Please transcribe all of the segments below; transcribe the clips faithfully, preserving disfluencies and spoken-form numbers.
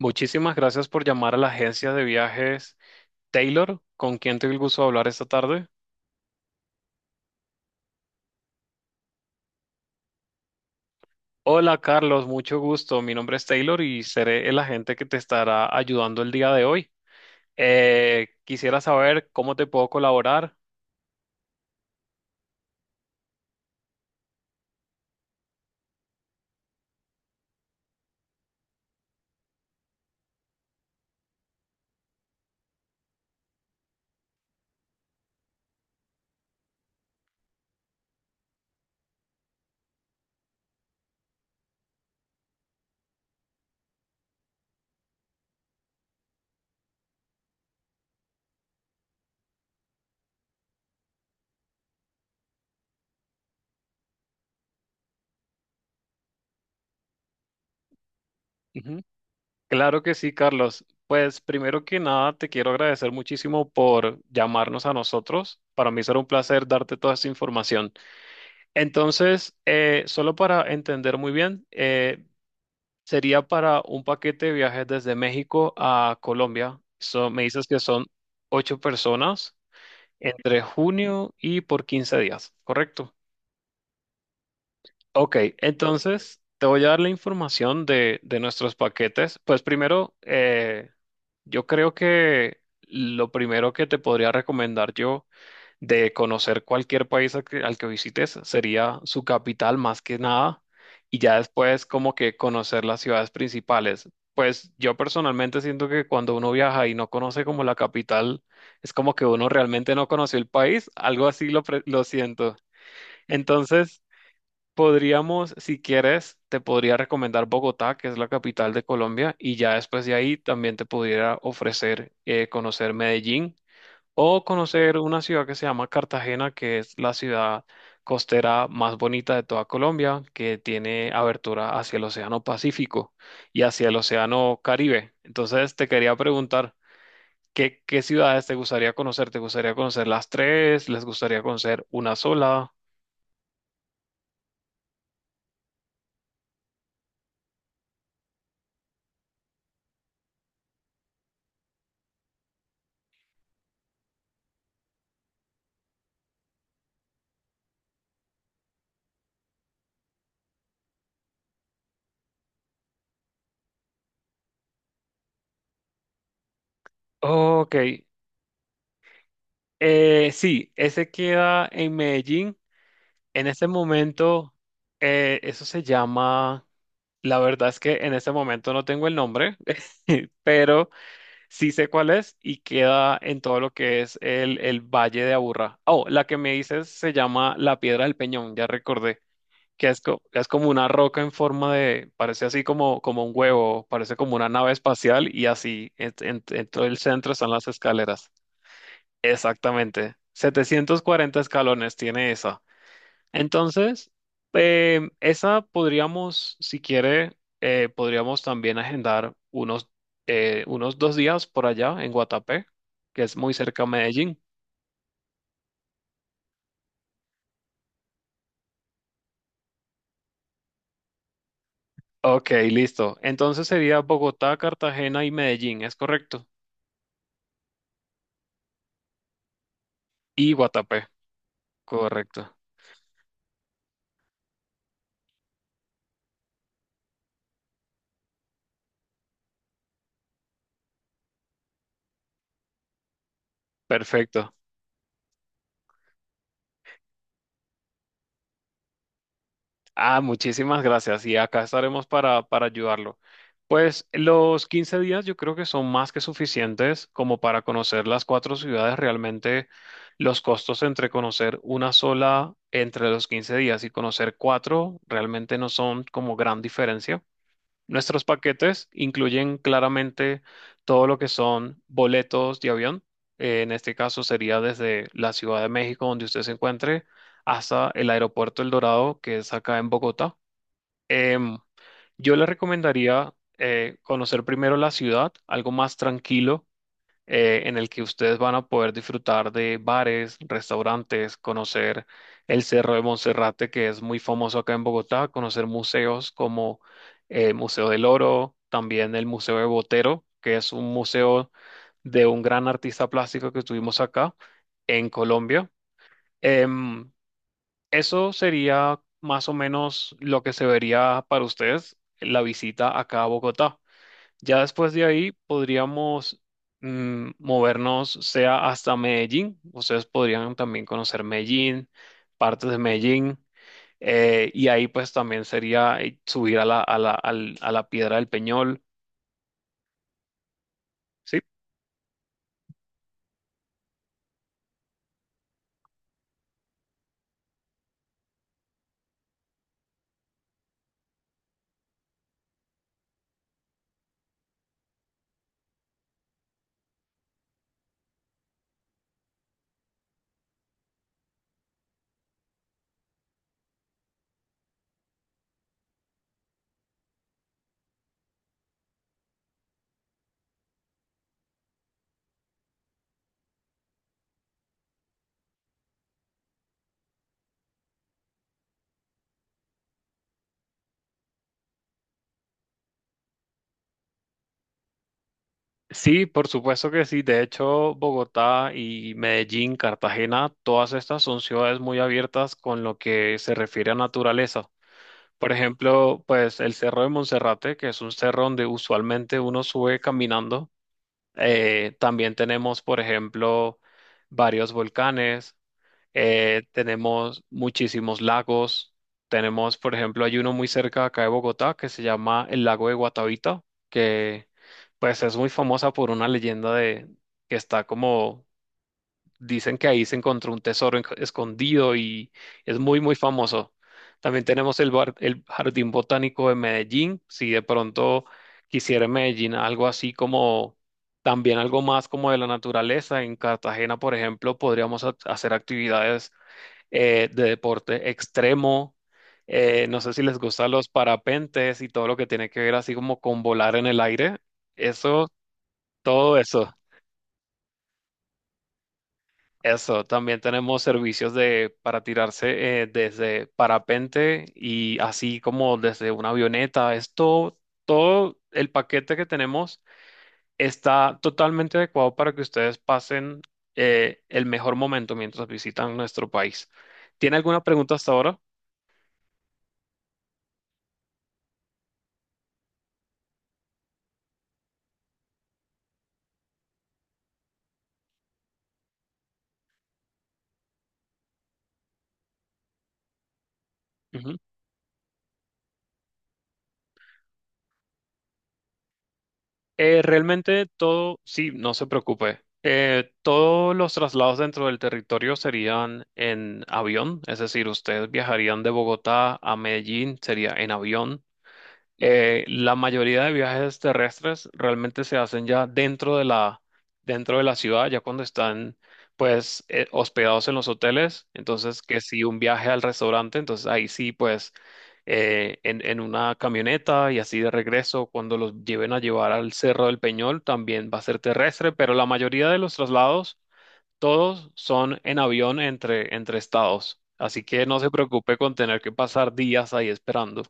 Muchísimas gracias por llamar a la agencia de viajes Taylor, con quien tengo el gusto de hablar esta tarde. Hola Carlos, mucho gusto. Mi nombre es Taylor y seré el agente que te estará ayudando el día de hoy. Eh, quisiera saber cómo te puedo colaborar. Ujú. Claro que sí, Carlos. Pues primero que nada, te quiero agradecer muchísimo por llamarnos a nosotros. Para mí será un placer darte toda esta información. Entonces, eh, solo para entender muy bien, eh, sería para un paquete de viajes desde México a Colombia. So- me dices que son ocho personas, entre junio y por quince días, ¿correcto? Ok, entonces te voy a dar la información de, de nuestros paquetes. Pues primero, eh, yo creo que lo primero que te podría recomendar yo, de conocer cualquier país al que, al que visites, sería su capital más que nada, y ya después como que conocer las ciudades principales. Pues yo personalmente siento que cuando uno viaja y no conoce como la capital, es como que uno realmente no conoció el país, algo así lo, pre- lo siento. Entonces, podríamos, si quieres, te podría recomendar Bogotá, que es la capital de Colombia, y ya después de ahí también te pudiera ofrecer eh, conocer Medellín o conocer una ciudad que se llama Cartagena, que es la ciudad costera más bonita de toda Colombia, que tiene abertura hacia el Océano Pacífico y hacia el Océano Caribe. Entonces, te quería preguntar, ¿qué, qué ciudades te gustaría conocer? ¿Te gustaría conocer las tres? ¿Les gustaría conocer una sola? Ok, Eh, sí, ese queda en Medellín. En este momento, eh, eso se llama, la verdad es que en este momento no tengo el nombre, pero sí sé cuál es y queda en todo lo que es el, el Valle de Aburrá. Oh, la que me dices se llama la Piedra del Peñón, ya recordé, que es, co- es como una roca en forma de, parece así como, como un huevo, parece como una nave espacial y así, en en- en todo el centro están las escaleras. Exactamente. Setecientos cuarenta escalones tiene esa. Entonces, em, esa podríamos, si quiere, eh, podríamos también agendar unos, eh, unos dos días por allá en Guatapé, que es muy cerca a Medellín. Ok, listo. Entonces sería Bogotá, Cartagena y Medellín, ¿es correcto? Y Guatapé, correcto. Perfecto. Ah, muchísimas gracias. Y acá estaremos para, para ayudarlo. Pues los quince días yo creo que son más que suficientes como para conocer las cuatro ciudades. Realmente los costos entre conocer una sola entre los quince días y conocer cuatro realmente no son como gran diferencia. Nuestros paquetes incluyen claramente todo lo que son boletos de avión. Eh, en este caso sería desde la Ciudad de México, donde usted se encuentre, hasta el aeropuerto El Dorado, que es acá en Bogotá. Em, yo le recomendaría eh, conocer primero la ciudad, algo más tranquilo, eh, en el que ustedes van a poder disfrutar de bares, restaurantes, conocer el Cerro de Monserrate, que es muy famoso acá en Bogotá, conocer museos como el Museo del Oro, también el Museo de Botero, que es un museo de un gran artista plástico que tuvimos acá en Colombia. Em, Eso sería más o menos lo que se vería para ustedes la visita acá a Bogotá. Ya después de ahí podríamos mm, movernos, sea hasta Medellín. Ustedes podrían también conocer Medellín, partes de Medellín. Eh, y ahí pues también sería eh, subir a la, a la, al- a la Piedra del Peñol. Sí, sí, por supuesto que sí. De hecho, Bogotá y Medellín, Cartagena, todas estas son ciudades muy abiertas con lo que se refiere a naturaleza. Por ejemplo, pues el Cerro de Monserrate, que es un cerro donde usualmente uno sube caminando. Eh, también tenemos, por ejemplo, varios volcanes, eh, tenemos muchísimos lagos, tenemos, por ejemplo, hay uno muy cerca de acá de Bogotá que se llama el lago de Guatavita, que pues es muy famosa por una leyenda de que está como, dicen que ahí se encontró un tesoro en- escondido y es muy, muy famoso. También tenemos el, bar- el Jardín Botánico de Medellín. Si de pronto quisiera en Medellín algo así como, también algo más como de la naturaleza. En Cartagena, por ejemplo, podríamos ha- hacer actividades eh, de deporte extremo. Eh, no sé si les gustan los parapentes y todo lo que tiene que ver así como con volar en el aire. Eso, todo eso. Eso, también tenemos servicios de, para tirarse eh, desde parapente y así como desde una avioneta. Esto, todo el paquete que tenemos está totalmente adecuado para que ustedes pasen eh, el mejor momento mientras visitan nuestro país. ¿Tiene alguna pregunta hasta ahora? Eh, realmente todo, sí, no se preocupe. Eh, todos los traslados dentro del territorio serían en avión, es decir, ustedes viajarían de Bogotá a Medellín, sería en avión. Eh, la mayoría de viajes terrestres realmente se hacen ya dentro de la, dentro de la ciudad, ya cuando están pues eh, hospedados en los hoteles. Entonces, que si un viaje al restaurante, entonces ahí sí, pues eh, en, en una camioneta y así de regreso, cuando los lleven a llevar al Cerro del Peñol, también va a ser terrestre, pero la mayoría de los traslados, todos son en avión entre, entre estados. Así que no se preocupe con tener que pasar días ahí esperando.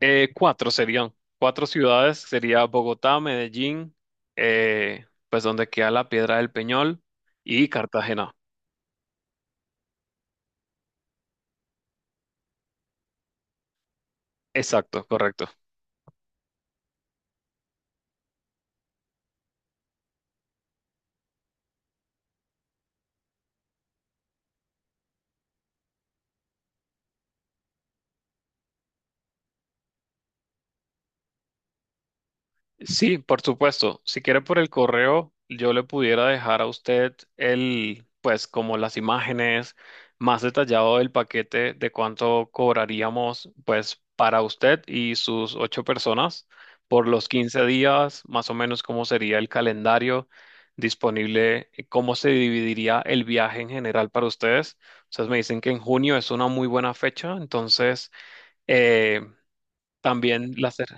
Eh, cuatro serían, Cuatro ciudades, sería Bogotá, Medellín, eh, pues donde queda la Piedra del Peñol y Cartagena. Exacto, correcto. Sí, por supuesto. Si quiere por el correo, yo le pudiera dejar a usted el, pues como las imágenes más detallado del paquete de cuánto cobraríamos, pues para usted y sus ocho personas por los quince días, más o menos cómo sería el calendario disponible, eh, cómo se dividiría el viaje en general para ustedes. Ustedes me dicen que en junio es una muy buena fecha, entonces eh, también la... cer-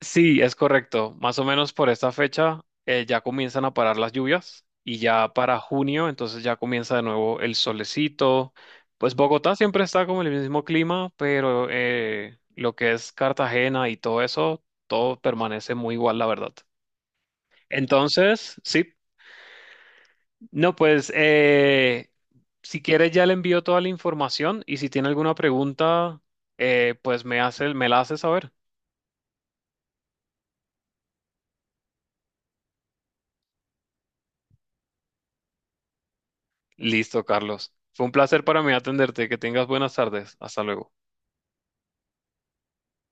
sí, es correcto. Más o menos por esta fecha eh, ya comienzan a parar las lluvias y ya para junio, entonces ya comienza de nuevo el solecito. Pues Bogotá siempre está como en el mismo clima, pero eh, lo que es Cartagena y todo eso, todo permanece muy igual, la verdad. Entonces, sí, no, pues eh, si quieres ya le envío toda la información y si tiene alguna pregunta, eh, pues me hace, me la hace saber. Listo, Carlos. Fue un placer para mí atenderte. Que tengas buenas tardes. Hasta luego.